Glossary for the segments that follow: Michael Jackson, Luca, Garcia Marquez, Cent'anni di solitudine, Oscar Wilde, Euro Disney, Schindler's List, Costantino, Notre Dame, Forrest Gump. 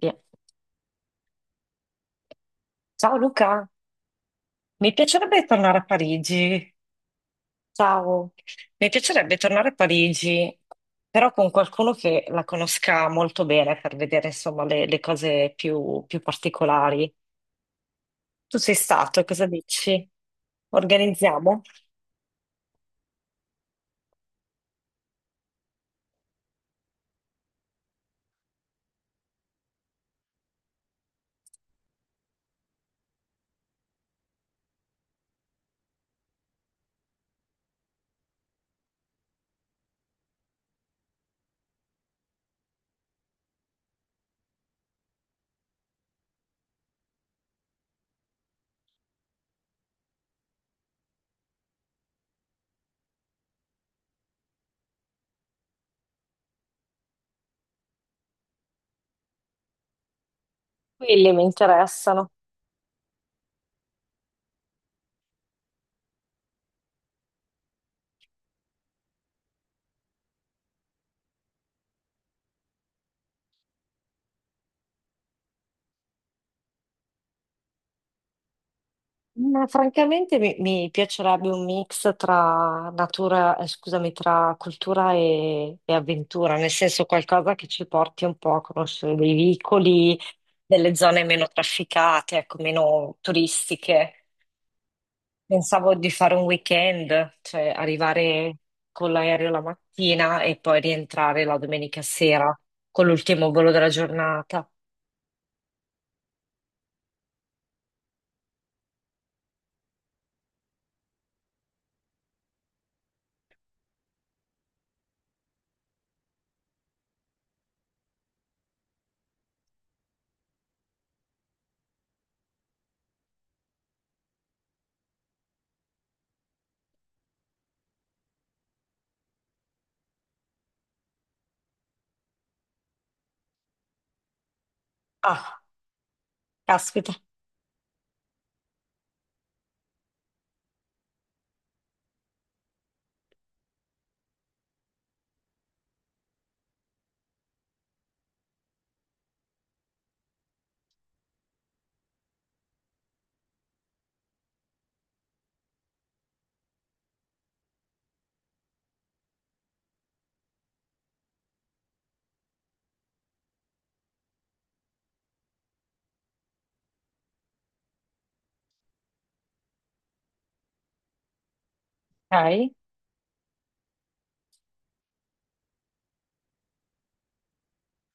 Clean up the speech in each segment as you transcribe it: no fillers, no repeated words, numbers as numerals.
Via. Ciao Luca, mi piacerebbe tornare a Parigi. Ciao. Mi piacerebbe tornare a Parigi, però con qualcuno che la conosca molto bene per vedere insomma le cose più particolari. Tu sei stato e cosa dici? Organizziamo? Quelli mi interessano. Ma francamente mi piacerebbe un mix tra natura, scusami, tra cultura e avventura, nel senso qualcosa che ci porti un po' a conoscere dei vicoli, delle zone meno trafficate, ecco, meno turistiche. Pensavo di fare un weekend, cioè arrivare con l'aereo la mattina e poi rientrare la domenica sera con l'ultimo volo della giornata. Ah, caspita. Ok.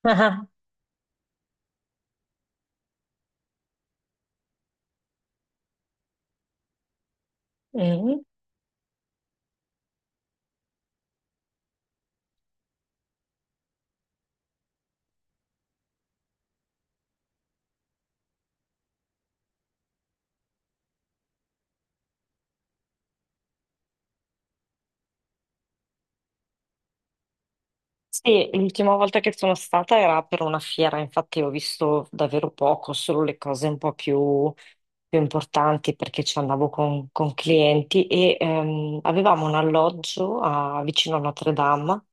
Mm. Sì, l'ultima volta che sono stata era per una fiera, infatti ho visto davvero poco, solo le cose un po' più, più importanti perché ci andavo con clienti e avevamo un alloggio vicino a Notre Dame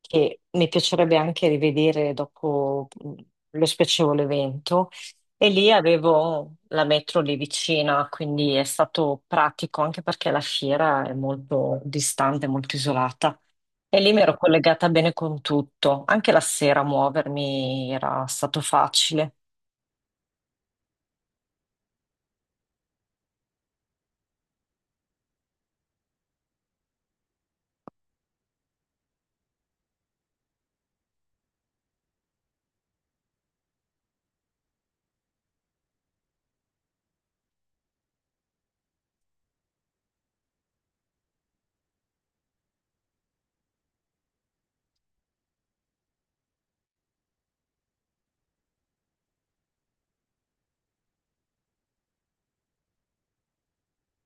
che mi piacerebbe anche rivedere dopo lo spiacevole evento e lì avevo la metro lì vicina, quindi è stato pratico anche perché la fiera è molto distante, molto isolata. E lì mi ero collegata bene con tutto, anche la sera muovermi era stato facile.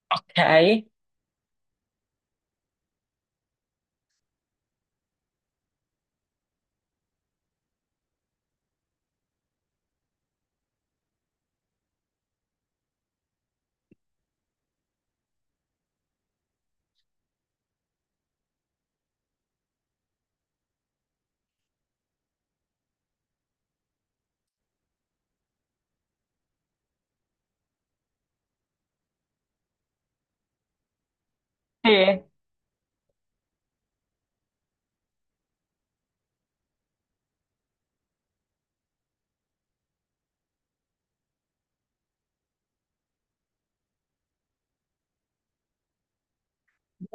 Ok. Sì,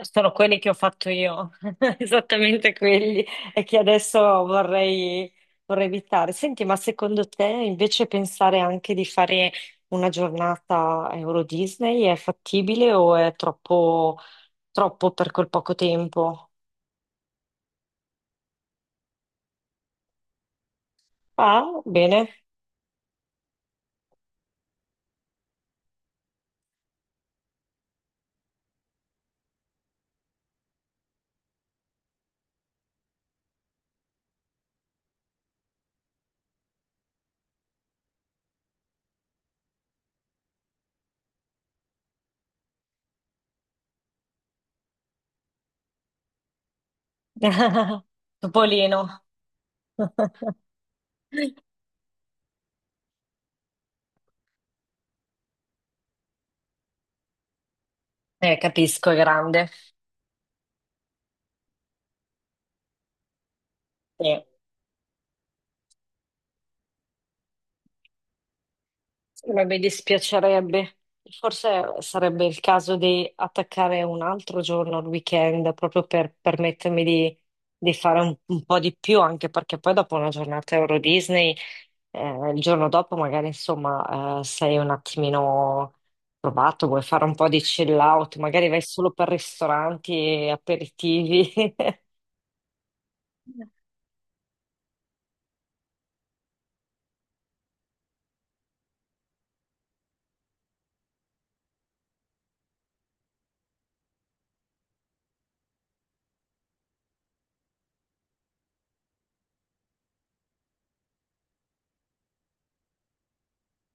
sono quelli che ho fatto io, esattamente quelli, e che adesso vorrei, vorrei evitare. Senti, ma secondo te invece pensare anche di fare una giornata a Euro Disney è fattibile o è troppo per quel poco tempo? Ah, bene. Topolino. Capisco, è grande. Sì. Ma mi dispiacerebbe. Forse sarebbe il caso di attaccare un altro giorno al weekend proprio per permettermi di fare un po' di più, anche perché poi dopo una giornata Euro Disney, il giorno dopo magari insomma sei un attimino provato, vuoi fare un po' di chill out, magari vai solo per ristoranti e aperitivi.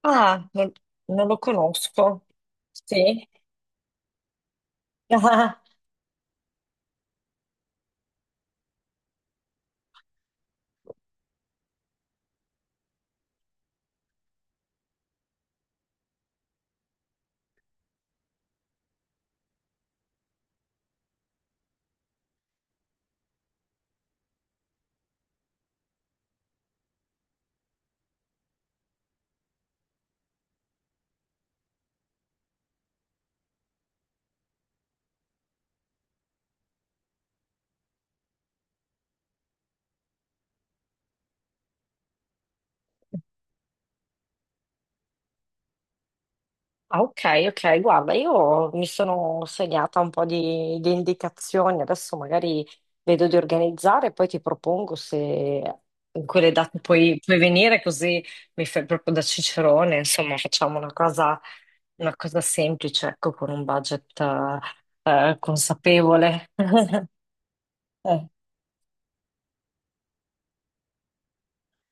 Ah, non lo conosco. Sì. Ah, ok, guarda, io mi sono segnata un po' di indicazioni, adesso magari vedo di organizzare e poi ti propongo se in quelle date puoi venire così mi fai proprio da cicerone, insomma facciamo una cosa semplice, ecco, con un budget consapevole.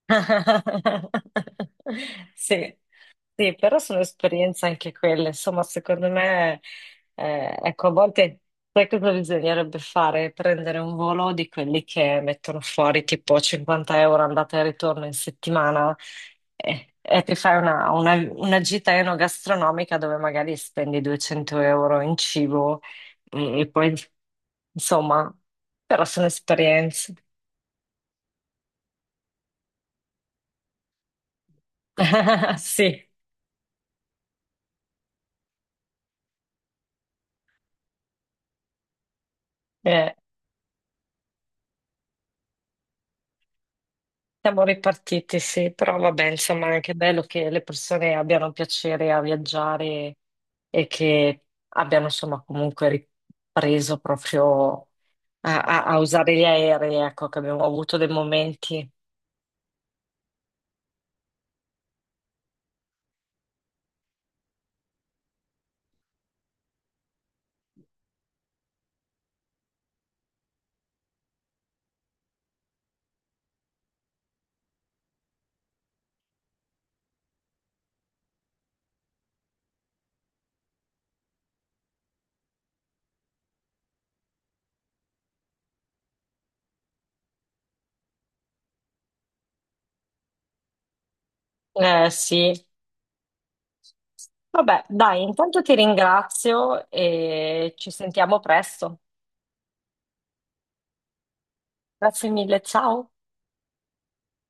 Sì, sì, però sono esperienze anche quelle. Insomma, secondo me, ecco, a volte sai cosa bisognerebbe fare? Prendere un volo di quelli che mettono fuori tipo 50 € andata e ritorno in settimana e ti fai una, una gita enogastronomica dove magari spendi 200 € in cibo e poi, insomma, però sono esperienze. Sì, eh. Siamo ripartiti, sì, però vabbè, insomma, è che bello che le persone abbiano piacere a viaggiare e che abbiano, insomma, comunque ripreso proprio a usare gli aerei, ecco, che abbiamo avuto dei momenti. Sì, vabbè, dai, intanto ti ringrazio e ci sentiamo presto. Grazie mille, ciao.